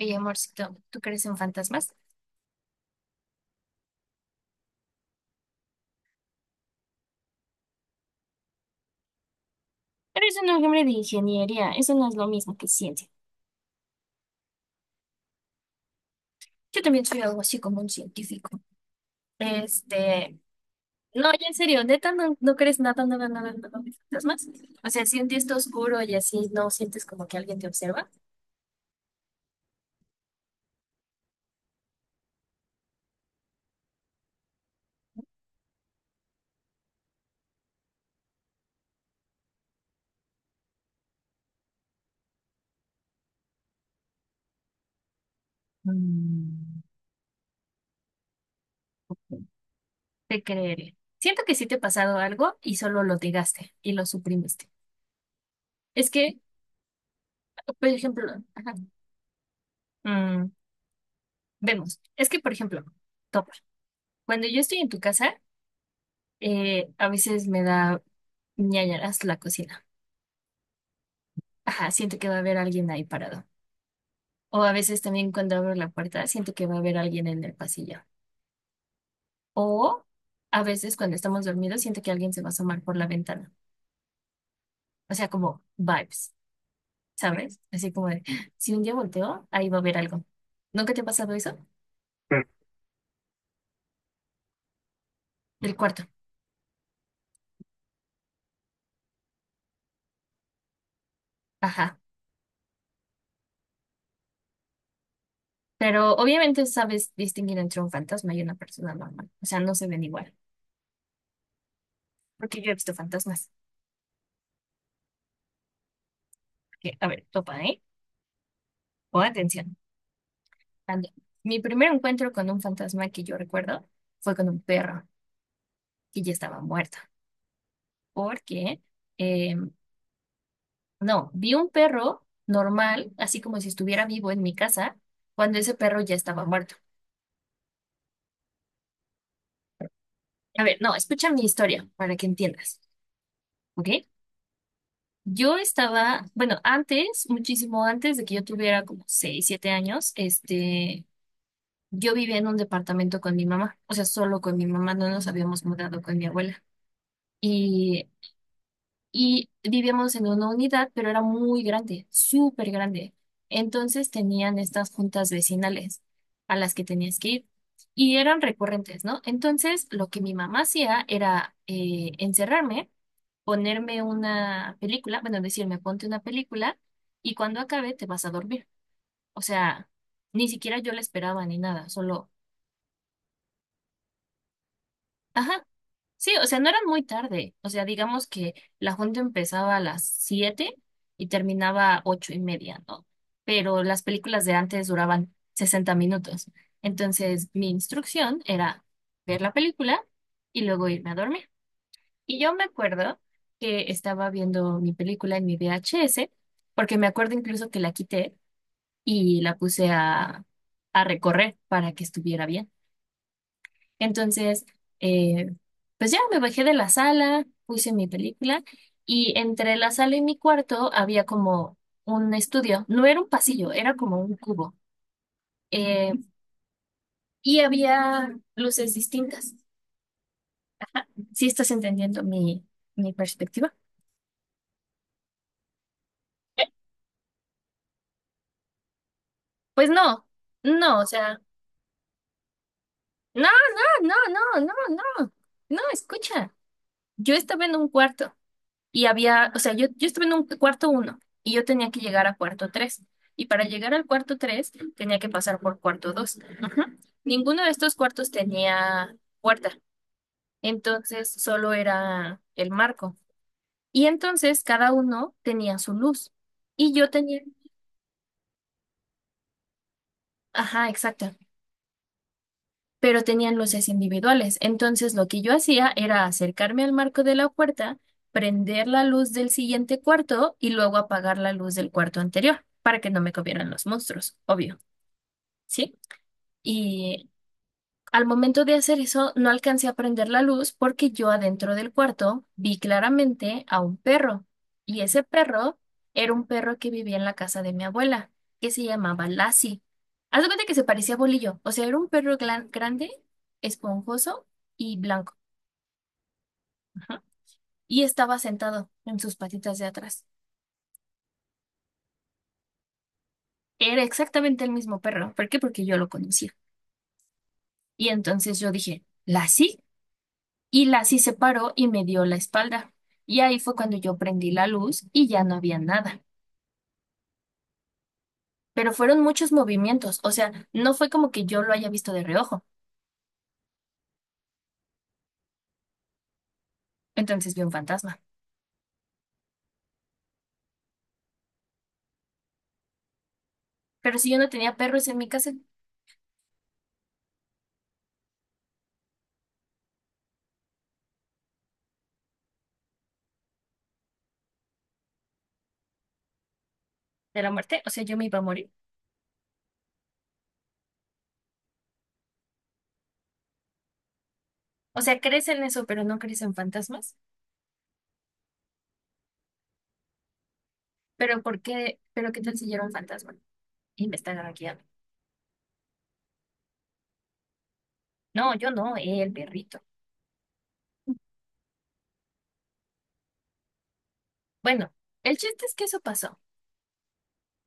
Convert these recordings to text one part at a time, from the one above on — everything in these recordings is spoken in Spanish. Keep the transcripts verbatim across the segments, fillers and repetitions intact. Oye, amorcito, ¿tú crees en fantasmas? Pero es un hombre de ingeniería, eso no es lo mismo que ciencia. Yo también soy algo así como un científico. Este, no, ya en serio, neta, no, no crees nada, nada, nada, nada de fantasmas. O sea, sientes esto oscuro y así no sientes como que alguien te observa. Mm. Te creeré. Siento que sí te ha pasado algo y solo lo negaste y lo suprimiste. Es que, por ejemplo, ajá, mm, vemos, es que, por ejemplo, topa. Cuando yo estoy en tu casa, Eh, a veces me da ñañaras la cocina. Ajá, siento que va a haber alguien ahí parado. O a veces también cuando abro la puerta siento que va a haber alguien en el pasillo. O a veces cuando estamos dormidos siento que alguien se va a asomar por la ventana. O sea, como vibes, ¿sabes? Así como de, si un día volteo, ahí va a haber algo. ¿Nunca te ha pasado eso? Del cuarto. Ajá. Pero obviamente sabes distinguir entre un fantasma y una persona normal. O sea, no se ven igual. Porque yo he visto fantasmas. Que, a ver, topa, ¿eh? O atención. Ande- Mi primer encuentro con un fantasma que yo recuerdo fue con un perro que ya estaba muerto. Porque, eh, no, vi un perro normal, así como si estuviera vivo en mi casa, cuando ese perro ya estaba muerto. A ver, no, escucha mi historia para que entiendas, ¿ok? Yo estaba, bueno, antes, muchísimo antes de que yo tuviera como seis siete años, este, yo vivía en un departamento con mi mamá, o sea, solo con mi mamá, no nos habíamos mudado con mi abuela. Y y vivíamos en una unidad, pero era muy grande, súper grande. Entonces tenían estas juntas vecinales a las que tenías que ir y eran recurrentes, ¿no? Entonces lo que mi mamá hacía era eh, encerrarme, ponerme una película, bueno, decirme, ponte una película y cuando acabe te vas a dormir. O sea, ni siquiera yo la esperaba ni nada, solo. Ajá. Sí, o sea, no eran muy tarde. O sea, digamos que la junta empezaba a las siete y terminaba a ocho y media, ¿no? Pero las películas de antes duraban sesenta minutos. Entonces, mi instrucción era ver la película y luego irme a dormir. Y yo me acuerdo que estaba viendo mi película en mi V H S, porque me acuerdo incluso que la quité y la puse a, a recorrer para que estuviera bien. Entonces, eh, pues ya me bajé de la sala, puse mi película y entre la sala y mi cuarto había como un estudio. No era un pasillo, era como un cubo. Eh, y había luces distintas. ¿Sí estás entendiendo mi, mi perspectiva? Pues no, no, o sea, no, no, no, no, no, no, no, escucha. Yo estaba en un cuarto. Y había, o sea, yo, yo estuve en un cuarto uno y yo tenía que llegar a cuarto tres. Y para llegar al cuarto tres tenía que pasar por cuarto dos. Ajá. Ninguno de estos cuartos tenía puerta. Entonces solo era el marco. Y entonces cada uno tenía su luz. Y yo tenía, ajá, exacto, pero tenían luces individuales. Entonces lo que yo hacía era acercarme al marco de la puerta, prender la luz del siguiente cuarto y luego apagar la luz del cuarto anterior para que no me comieran los monstruos, obvio, ¿sí? Y al momento de hacer eso, no alcancé a prender la luz porque yo adentro del cuarto vi claramente a un perro. Y ese perro era un perro que vivía en la casa de mi abuela, que se llamaba Lassie. Haz de cuenta que se parecía a Bolillo. O sea, era un perro glan- grande, esponjoso y blanco. Ajá. Y estaba sentado en sus patitas de atrás. Era exactamente el mismo perro. ¿Por qué? Porque yo lo conocía. Y entonces yo dije, ¿Lassie? Y Lassie se paró y me dio la espalda. Y ahí fue cuando yo prendí la luz y ya no había nada. Pero fueron muchos movimientos, o sea, no fue como que yo lo haya visto de reojo. Entonces vi un fantasma. Pero si yo no tenía perros en mi casa de la muerte, o sea, yo me iba a morir. O sea, crees en eso, pero no crees en fantasmas. Pero ¿por qué? ¿Pero qué tal si yo era un fantasma? Y me están arañando. No, yo no, el perrito. Bueno, el chiste es que eso pasó.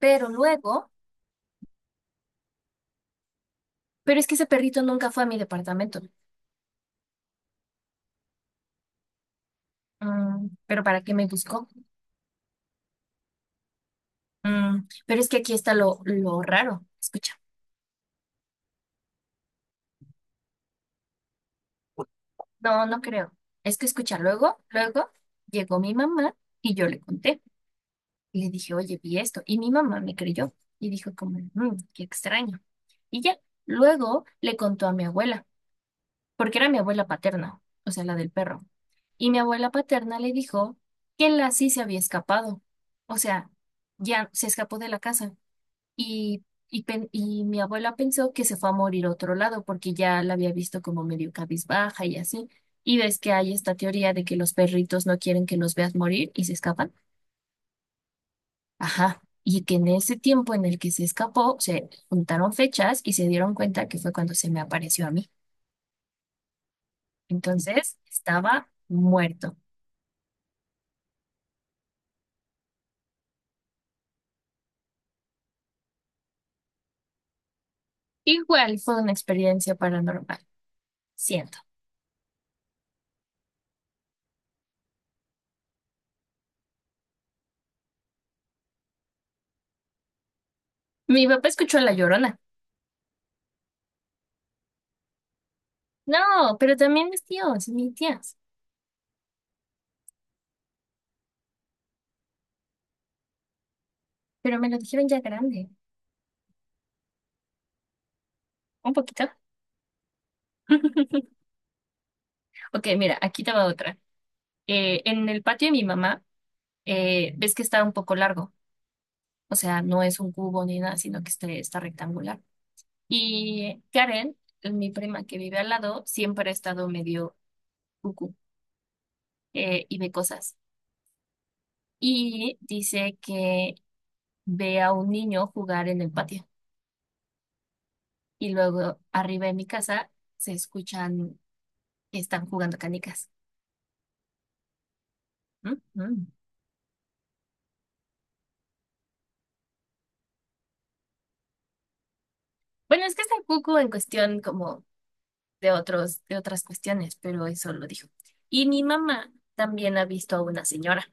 Pero luego, pero es que ese perrito nunca fue a mi departamento. Mm, pero ¿para qué me buscó? Mm, pero es que aquí está lo, lo raro. Escucha. No, no creo. Es que escucha, luego, luego llegó mi mamá y yo le conté. Y le dije, oye, vi esto. Y mi mamá me creyó. Y dijo como, "Mm, qué extraño". Y ya, luego le contó a mi abuela, porque era mi abuela paterna, o sea, la del perro. Y mi abuela paterna le dijo que la sí se había escapado. O sea, ya se escapó de la casa. Y, y, pen- y mi abuela pensó que se fue a morir a otro lado porque ya la había visto como medio cabizbaja y así. Y ves que hay esta teoría de que los perritos no quieren que los veas morir y se escapan. Ajá. Y que en ese tiempo en el que se escapó, se juntaron fechas y se dieron cuenta que fue cuando se me apareció a mí. Entonces estaba muerto. Igual fue una experiencia paranormal, siento. Mi papá escuchó a La Llorona. No, pero también mis tíos y mis tías. Pero me lo dijeron ya grande. Un poquito. Ok, mira, aquí te va otra. Eh, en el patio de mi mamá, eh, ves que está un poco largo, o sea, no es un cubo ni nada, sino que este está rectangular. Y Karen, mi prima que vive al lado, siempre ha estado medio cucú, eh, y ve cosas. Y dice que ve a un niño jugar en el patio. Y luego arriba de mi casa se escuchan, están jugando canicas. Mm, mm. Bueno, es que está cucú en cuestión como de otros, de otras cuestiones, pero eso lo dijo. Y mi mamá también ha visto a una señora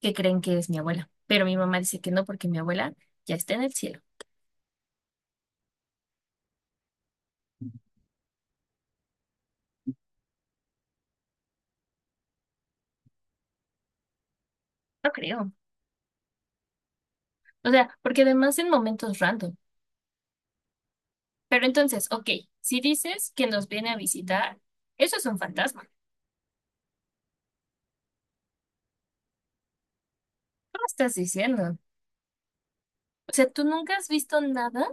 que creen que es mi abuela, pero mi mamá dice que no porque mi abuela ya está en el cielo. No creo. O sea, porque además en momentos random. Pero entonces, ok, si dices que nos viene a visitar, eso es un fantasma. ¿Cómo estás diciendo? O sea, ¿tú nunca has visto nada?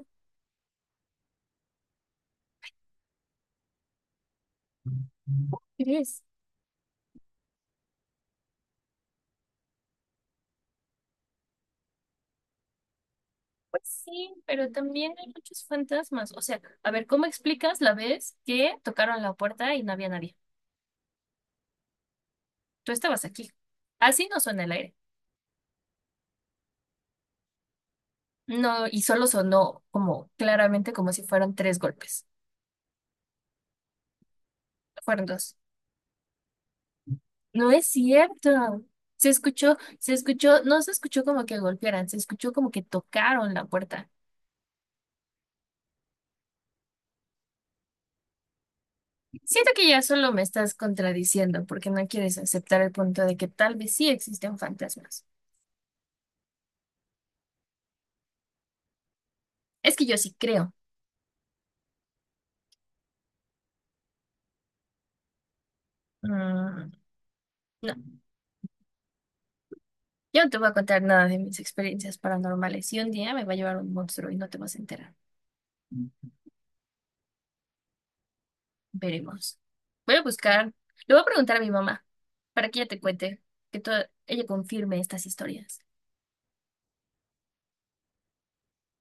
¿Crees? Pues sí, pero también hay muchos fantasmas. O sea, a ver, ¿cómo explicas la vez que tocaron la puerta y no había nadie? Tú estabas aquí. Así no suena el aire. No, y solo sonó como claramente como si fueran tres golpes. Fueron dos. No es cierto. Se escuchó, se escuchó, no se escuchó como que golpearan, se escuchó como que tocaron la puerta. Siento que ya solo me estás contradiciendo porque no quieres aceptar el punto de que tal vez sí existen fantasmas. Es que yo sí creo. Mm, no, yo no te voy a contar nada de mis experiencias paranormales y un día me va a llevar un monstruo y no te vas a enterar. Veremos. Voy a buscar. Le voy a preguntar a mi mamá para que ella te cuente, que to- ella confirme estas historias.